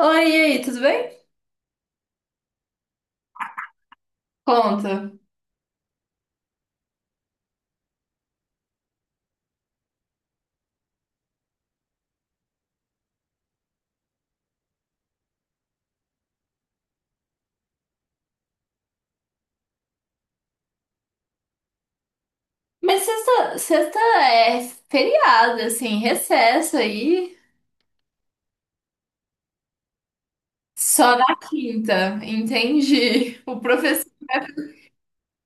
Oi, e aí, tudo bem? Conta. Mas sexta é feriado, assim, recesso aí. Só na quinta, entendi. O professor.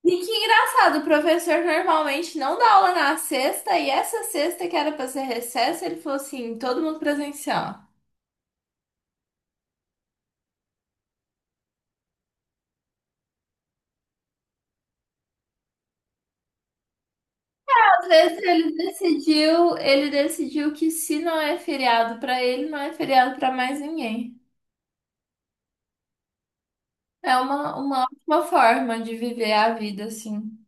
E que engraçado, o professor normalmente não dá aula na sexta, e essa sexta que era pra ser recesso, ele falou assim: todo mundo presencial. Às vezes ele decidiu que se não é feriado pra ele, não é feriado pra mais ninguém. É uma ótima forma de viver a vida, assim.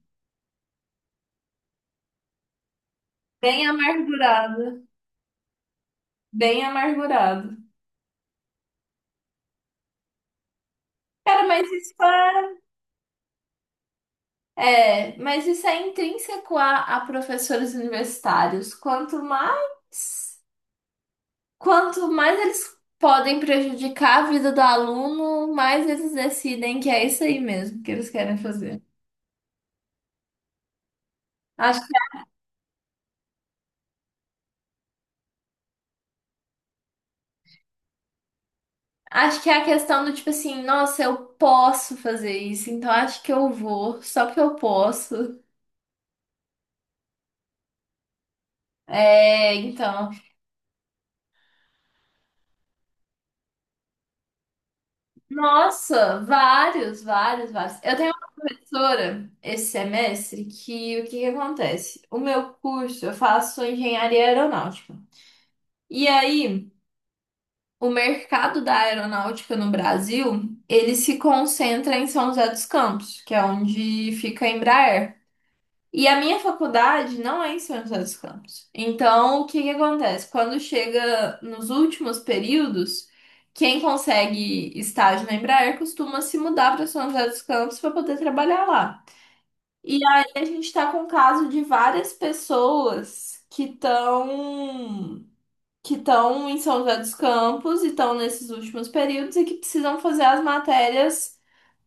Bem amargurado, bem amargurado. Cara, mas isso é, é, mas isso é intrínseco a professores universitários. Quanto mais eles podem prejudicar a vida do aluno, mais eles decidem que é isso aí mesmo que eles querem fazer. Acho, acho que é a questão do tipo assim, nossa, eu posso fazer isso, então acho que eu vou, só porque eu posso. É, então. Nossa, vários, vários, vários. Eu tenho uma professora esse semestre que o que que acontece? O meu curso, eu faço engenharia aeronáutica. E aí, o mercado da aeronáutica no Brasil, ele se concentra em São José dos Campos, que é onde fica a Embraer. E a minha faculdade não é em São José dos Campos. Então, o que que acontece? Quando chega nos últimos períodos, quem consegue estágio na Embraer costuma se mudar para São José dos Campos para poder trabalhar lá. E aí a gente está com o caso de várias pessoas que estão em São José dos Campos e estão nesses últimos períodos e que precisam fazer as matérias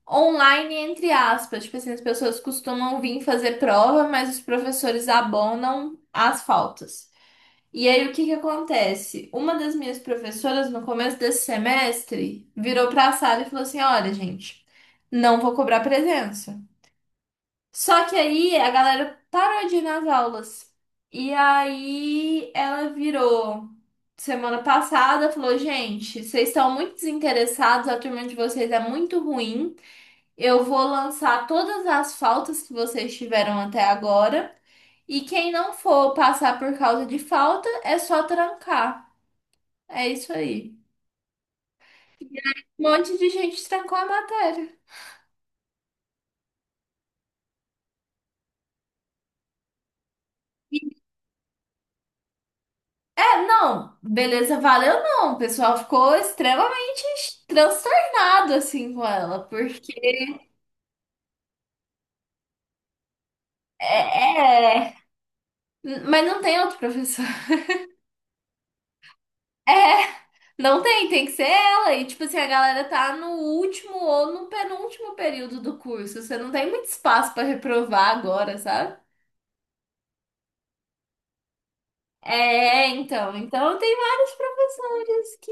online, entre aspas. Tipo assim, as pessoas costumam vir fazer prova, mas os professores abonam as faltas. E aí, o que que acontece? Uma das minhas professoras, no começo desse semestre, virou pra sala e falou assim: Olha, gente, não vou cobrar presença. Só que aí a galera parou de ir nas aulas. E aí ela virou semana passada, falou: Gente, vocês estão muito desinteressados, a turma de vocês é muito ruim. Eu vou lançar todas as faltas que vocês tiveram até agora. E quem não for passar por causa de falta, é só trancar. É isso aí. Um monte de gente trancou a matéria. É, não, beleza, valeu não. O pessoal ficou extremamente transtornado assim com ela, porque é, é, mas não tem outro professor. É. Não tem, tem que ser ela. E, tipo assim, a galera tá no último ou no penúltimo período do curso. Você não tem muito espaço pra reprovar agora, sabe? É, então. Então, tem vários professores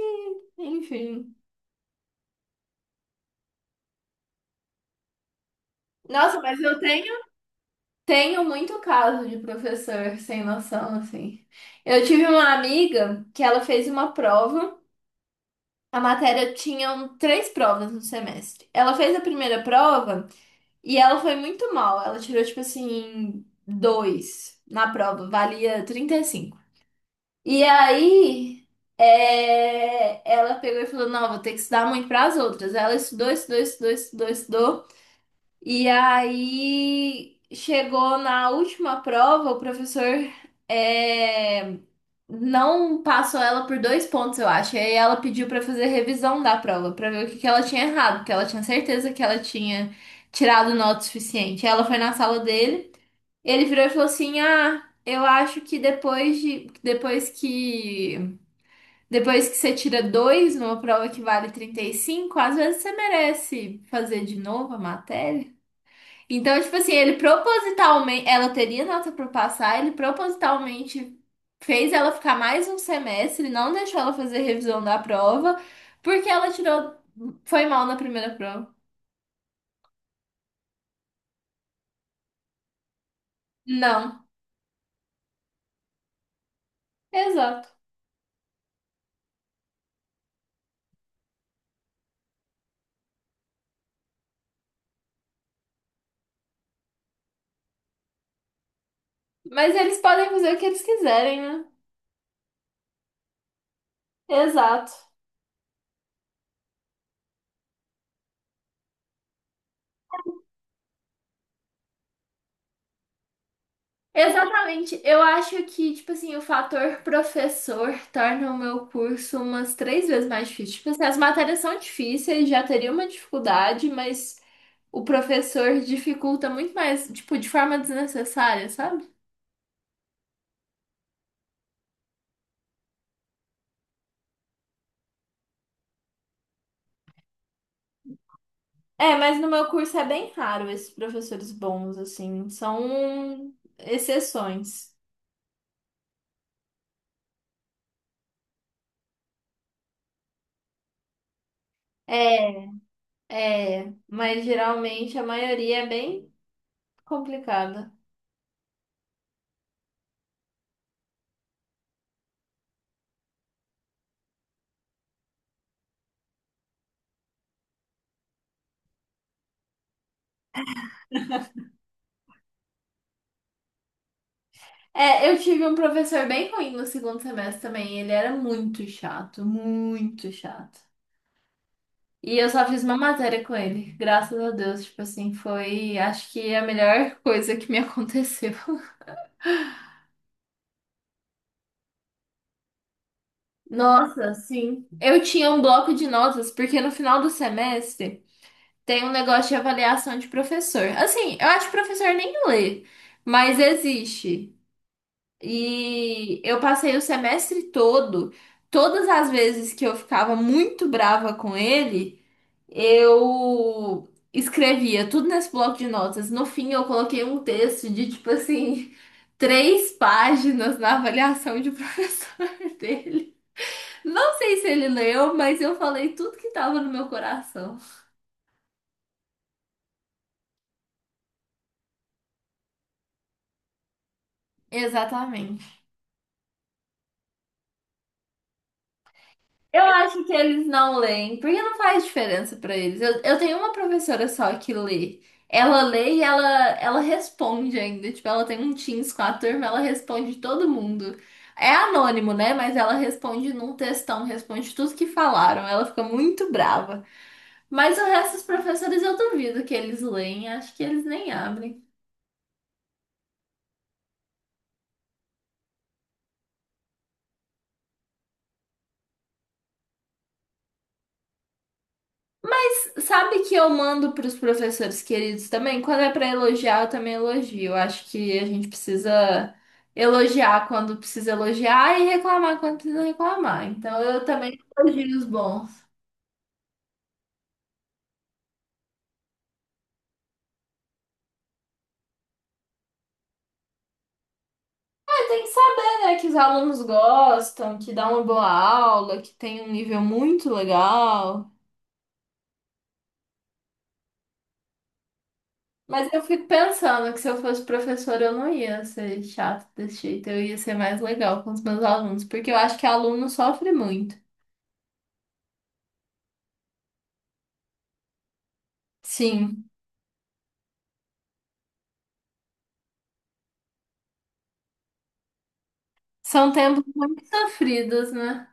enfim. Nossa, tenho muito caso de professor sem noção, assim. Eu tive uma amiga que ela fez uma prova. A matéria tinha três provas no semestre. Ela fez a primeira prova. E ela foi muito mal. Ela tirou, tipo assim, dois na prova. Valia 35. E cinco. E aí, ela pegou e falou: Não, vou ter que estudar muito para as outras. Ela estudou. E aí, chegou na última prova, o professor. é, não passou ela por dois pontos, eu acho. E aí ela pediu pra fazer revisão da prova, pra ver o que que ela tinha errado, porque ela tinha certeza que ela tinha tirado nota o suficiente. Ela foi na sala dele, ele virou e falou assim: "Ah, eu acho que depois que você tira dois numa prova que vale 35 às vezes você merece fazer de novo a matéria". Então, tipo assim, ela teria nota pra passar, ele propositalmente fez ela ficar mais um semestre, não deixou ela fazer revisão da prova, porque foi mal na primeira prova. Não, exato. Mas eles podem fazer o que eles quiserem, né? Exato. Exatamente. Eu acho que, tipo assim, o fator professor torna o meu curso umas três vezes mais difícil. Tipo assim, as matérias são difíceis, já teria uma dificuldade, mas o professor dificulta muito mais, tipo, de forma desnecessária, sabe? É, mas no meu curso é bem raro esses professores bons, assim, são exceções. É, mas geralmente a maioria é bem complicada. É, eu tive um professor bem ruim no segundo semestre também. Ele era muito chato, muito chato. E eu só fiz uma matéria com ele, graças a Deus. Tipo assim, foi, acho que a melhor coisa que me aconteceu. Nossa, sim. Eu tinha um bloco de notas, porque no final do semestre tem um negócio de avaliação de professor. Assim, eu acho que professor nem lê, mas existe. E eu passei o semestre todo, todas as vezes que eu ficava muito brava com ele, eu escrevia tudo nesse bloco de notas. No fim, eu coloquei um texto de tipo assim, três páginas na avaliação de professor dele. Não sei se ele leu, mas eu falei tudo que tava no meu coração. Exatamente. Eu acho que eles não leem, porque não faz diferença pra eles. Eu tenho uma professora só que lê. Ela lê e ela, ela responde ainda. Tipo, ela tem um Teams com a turma, ela responde todo mundo. É anônimo, né? Mas ela responde num textão, responde tudo que falaram. Ela fica muito brava. Mas o resto dos professores eu duvido que eles leem. Acho que eles nem abrem. Sabe que eu mando para os professores queridos também? Quando é para elogiar, eu também elogio. Eu acho que a gente precisa elogiar quando precisa elogiar e reclamar quando precisa reclamar. Então eu também elogio os bons. Mas tem que saber, né, que os alunos gostam, que dá uma boa aula, que tem um nível muito legal. Mas eu fico pensando que se eu fosse professora, eu não ia ser chata desse jeito, eu ia ser mais legal com os meus alunos, porque eu acho que aluno sofre muito. Sim. São tempos muito sofridos, né?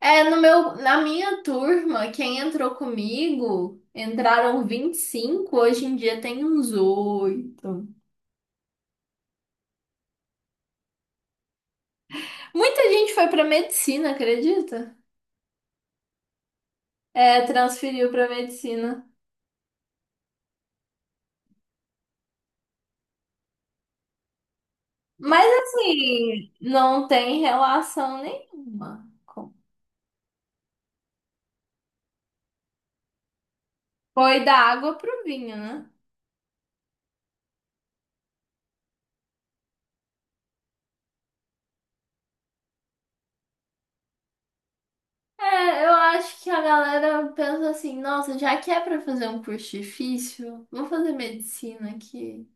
É, no meu, na minha turma, quem entrou comigo, entraram 25 hoje em dia tem uns 8. Muita gente foi pra medicina, acredita? É, transferiu pra medicina. Mas assim, não tem relação nenhuma. Com- Foi da água pro vinho, né? É, eu acho que a galera pensa assim, nossa, já que é pra fazer um curso difícil, vou fazer medicina aqui.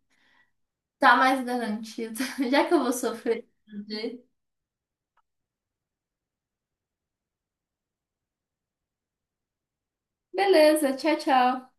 Tá mais garantida. Já que eu vou sofrer. De- Beleza, tchau, tchau.